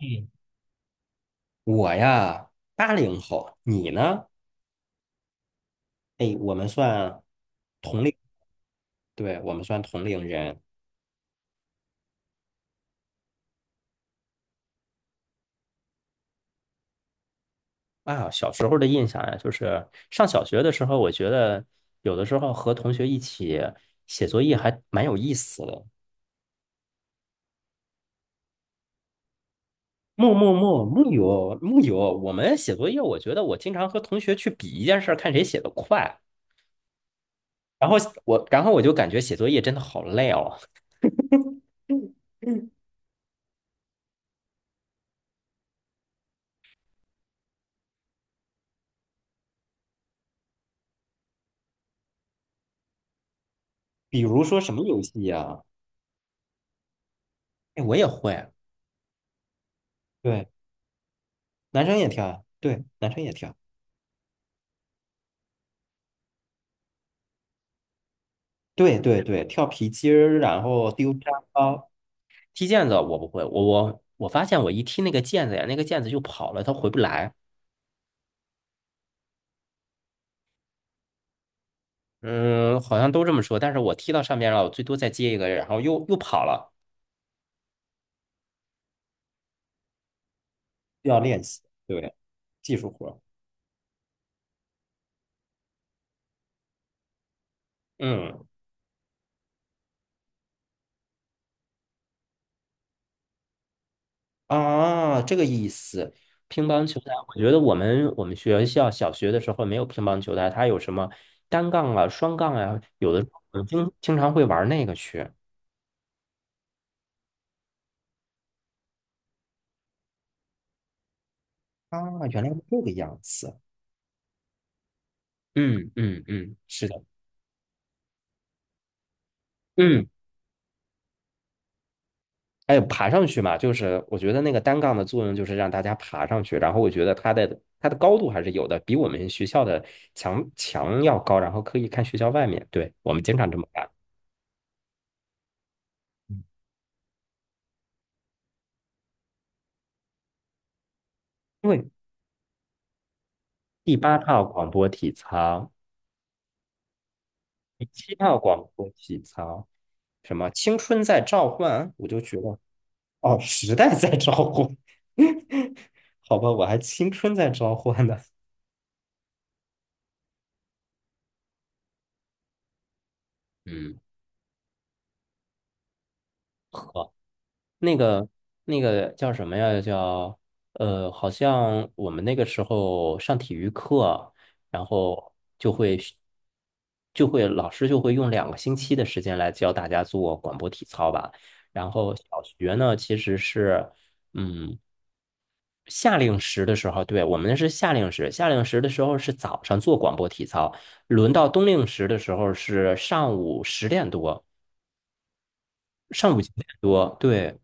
嗯，我呀，80后，你呢？哎，同龄，对，我们算同龄人啊。小时候的印象呀，就是上小学的时候，我觉得有的时候和同学一起写作业还蛮有意思的。木有木有，我们写作业，我觉得我经常和同学去比一件事儿，看谁写得快。然后我就感觉写作业真的好累哦。嗯嗯，比如说什么游戏呀？哎，我也会。对。男生也跳呀，对，男生也跳，对对对，跳皮筋儿，然后丢沙包，踢毽子我不会，我发现我一踢那个毽子呀，那个毽子就跑了，它回不来。嗯，好像都这么说，但是我踢到上面了，我最多再接一个，然后又跑了，需要练习，对，技术活儿。嗯啊，这个意思。乒乓球台，我觉得我们学校小学的时候没有乒乓球台，它有什么单杠啊、双杠啊，有的时候我们经常会玩那个去。啊，原来是这个样子。嗯嗯嗯，是的，嗯，还有爬上去嘛，就是我觉得那个单杠的作用就是让大家爬上去，然后我觉得它的高度还是有的，比我们学校的墙要高，然后可以看学校外面。对，我们经常这么干。嗯因为第八套广播体操，第七套广播体操，什么青春在召唤，我就觉得哦，时代在召唤，好吧，我还青春在召唤呢。嗯。那个那个叫什么呀？叫好像我们那个时候上体育课，然后就会老师就会用2个星期的时间来教大家做广播体操吧。然后小学呢，其实是嗯夏令时的时候，对，我们是夏令时，夏令时的时候是早上做广播体操，轮到冬令时的时候是上午10点多，上午9点多，对。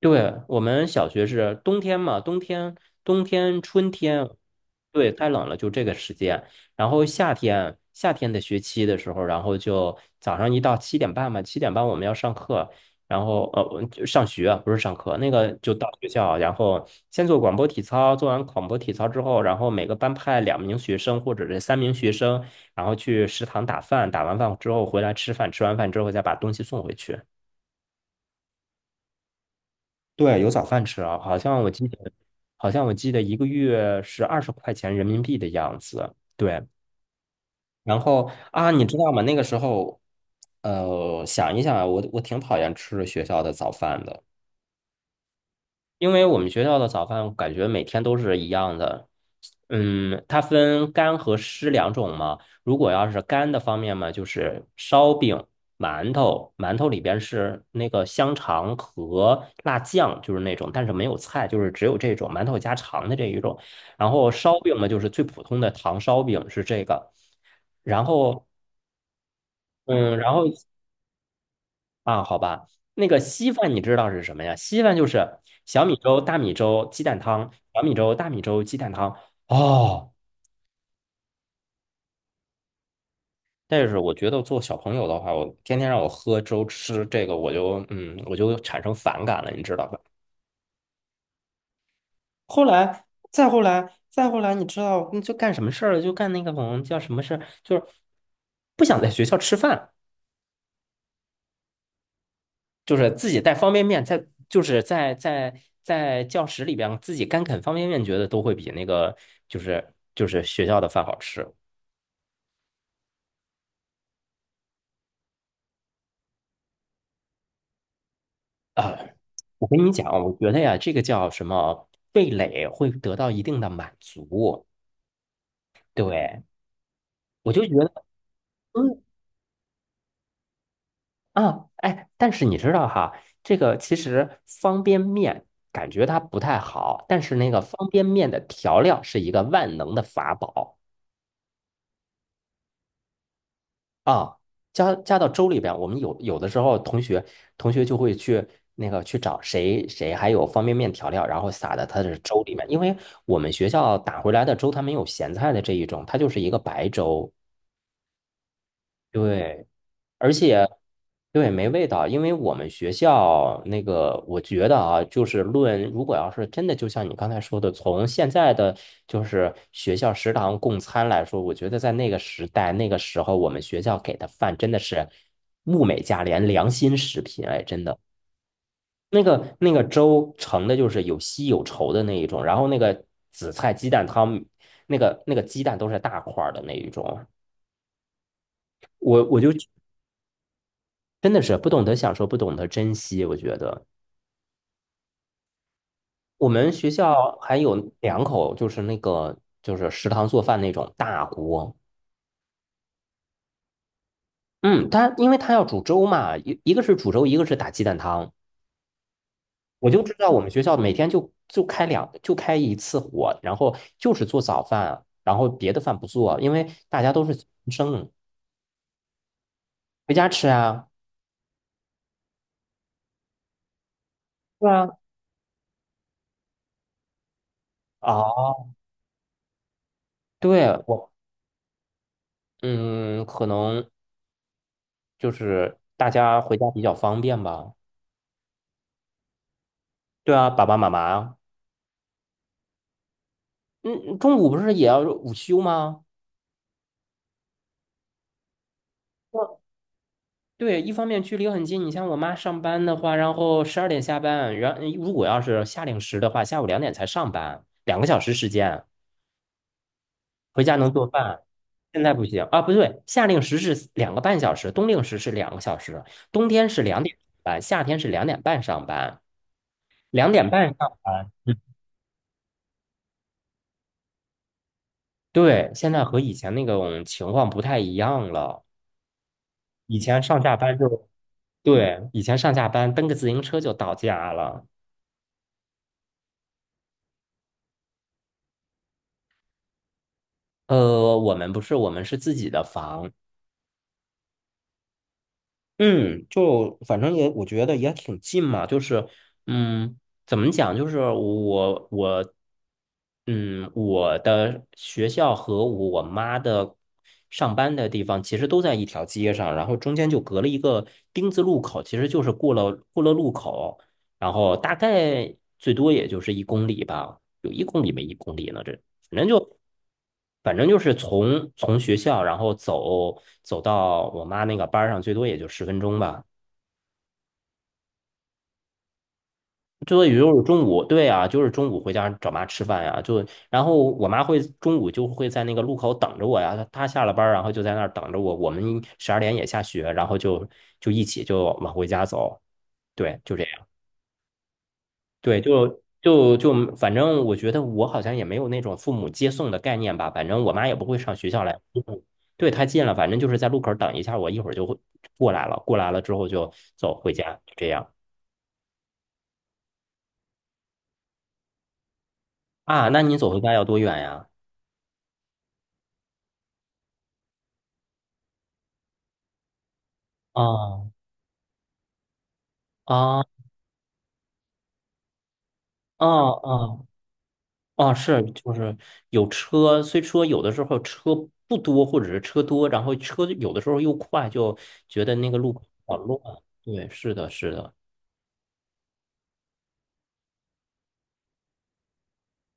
对，我们小学是冬天嘛，冬天、春天，对，太冷了，就这个时间。然后夏天，夏天的学期的时候，然后就早上一到七点半嘛，七点半我们要上课，然后就上学不是上课，那个就到学校，然后先做广播体操，做完广播体操之后，然后每个班派2名学生或者是3名学生，然后去食堂打饭，打完饭之后回来吃饭，吃完饭之后再把东西送回去。对，有早饭吃啊，好像我记得，好像我记得1个月是20块钱人民币的样子。对，然后啊，你知道吗？那个时候，想一想啊我挺讨厌吃学校的早饭的。因为我们学校的早饭感觉每天都是一样的，嗯，它分干和湿两种嘛。如果要是干的方面嘛，就是烧饼、馒头，馒头里边是那个香肠和辣酱，就是那种，但是没有菜，就是只有这种馒头加肠的这一种。然后烧饼嘛，就是最普通的糖烧饼是这个。然后，嗯，然后啊，好吧，那个稀饭你知道是什么呀？稀饭就是小米粥、大米粥、鸡蛋汤，小米粥、大米粥、鸡蛋汤。哦，但是我觉得做小朋友的话，我天天让我喝粥吃这个，我就我就产生反感了，你知道吧？后来，再后来，再后来，你知道，就干什么事儿了？就干那个什么叫什么事儿？就是不想在学校吃饭。就是自己带方便面在，就是在在教室里边自己干啃方便面，觉得都会比那个就是学校的饭好吃啊。我跟你讲，我觉得呀，这个叫什么味蕾会得到一定的满足。对，我就觉得，嗯啊，哎，但是你知道哈，这个其实方便面感觉它不太好，但是那个方便面的调料是一个万能的法宝。啊，加到粥里边，我们有的时候同学就会去那个去找谁谁还有方便面调料，然后撒在他的粥里面，因为我们学校打回来的粥它没有咸菜的这一种，它就是一个白粥。对而且，对，没味道，因为我们学校那个，我觉得啊，就是论，如果要是真的，就像你刚才说的，从现在的就是学校食堂供餐来说，我觉得在那个时代、那个时候，我们学校给的饭真的是物美价廉、良心食品，哎，真的。那个粥盛的就是有稀有稠的那一种，然后那个紫菜鸡蛋汤，那个鸡蛋都是大块儿的那一种。我就真的是不懂得享受，不懂得珍惜。我觉得我们学校还有两口，就是那个就是食堂做饭那种大锅。嗯，他因为他要煮粥嘛，一个是煮粥，一个是打鸡蛋汤。我就知道我们学校每天就开一次火，然后就是做早饭，然后别的饭不做，因为大家都是生回家吃啊。对啊，哦，对，我，嗯，可能就是大家回家比较方便吧。对啊，爸爸妈妈嗯，中午不是也要午休吗？我对，一方面距离很近，你像我妈上班的话，然后十二点下班，然如果要是夏令时的话，下午2点才上班，两个小时时间，回家能做饭。现在不行啊，不对，夏令时是2个半小时，冬令时是两个小时，冬天是两点上班，夏天是两点半上班，两点半上班。嗯对，现在和以前那种情况不太一样了，以前上下班就。对，以前上下班蹬个自行车就到家了。我们不是，我们是自己的房。嗯，就反正也我觉得也挺近嘛，就是嗯，怎么讲，就是我我的学校和我妈的上班的地方其实都在一条街上，然后中间就隔了一个丁字路口，其实就是过了路口，然后大概最多也就是一公里吧，有一公里没一公里呢，这。反正就反正就是从学校，然后走到我妈那个班儿上，最多也就10分钟吧。最多也就是中午，对啊，就是中午回家找妈吃饭呀、就然后我妈会中午就会在那个路口等着我呀，她她下了班儿然后就在那儿等着我。我们十二点也下学，然后就就一起就往回家走。对，就这对，就，反正我觉得我好像也没有那种父母接送的概念吧。反正我妈也不会上学校来接送对，太近了，反正就是在路口等一下，我一会儿就会过来了。过来了之后就走回家，就这样啊。那你走回家要多远呀？哦啊啊啊啊！是，就是有车，虽说有的时候车不多，或者是车多，然后车有的时候又快，就觉得那个路口好乱。对，是的，是的。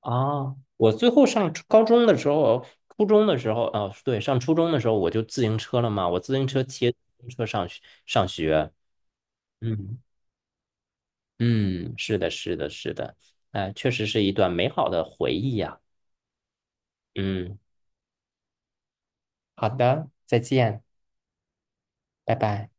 啊，我最后上初高中的时候，初中的时候，啊，对，上初中的时候我就自行车了嘛，我自行车骑自行车上学，嗯嗯，是的，是的，是的，哎，确实是一段美好的回忆呀，嗯，好的，再见，拜拜。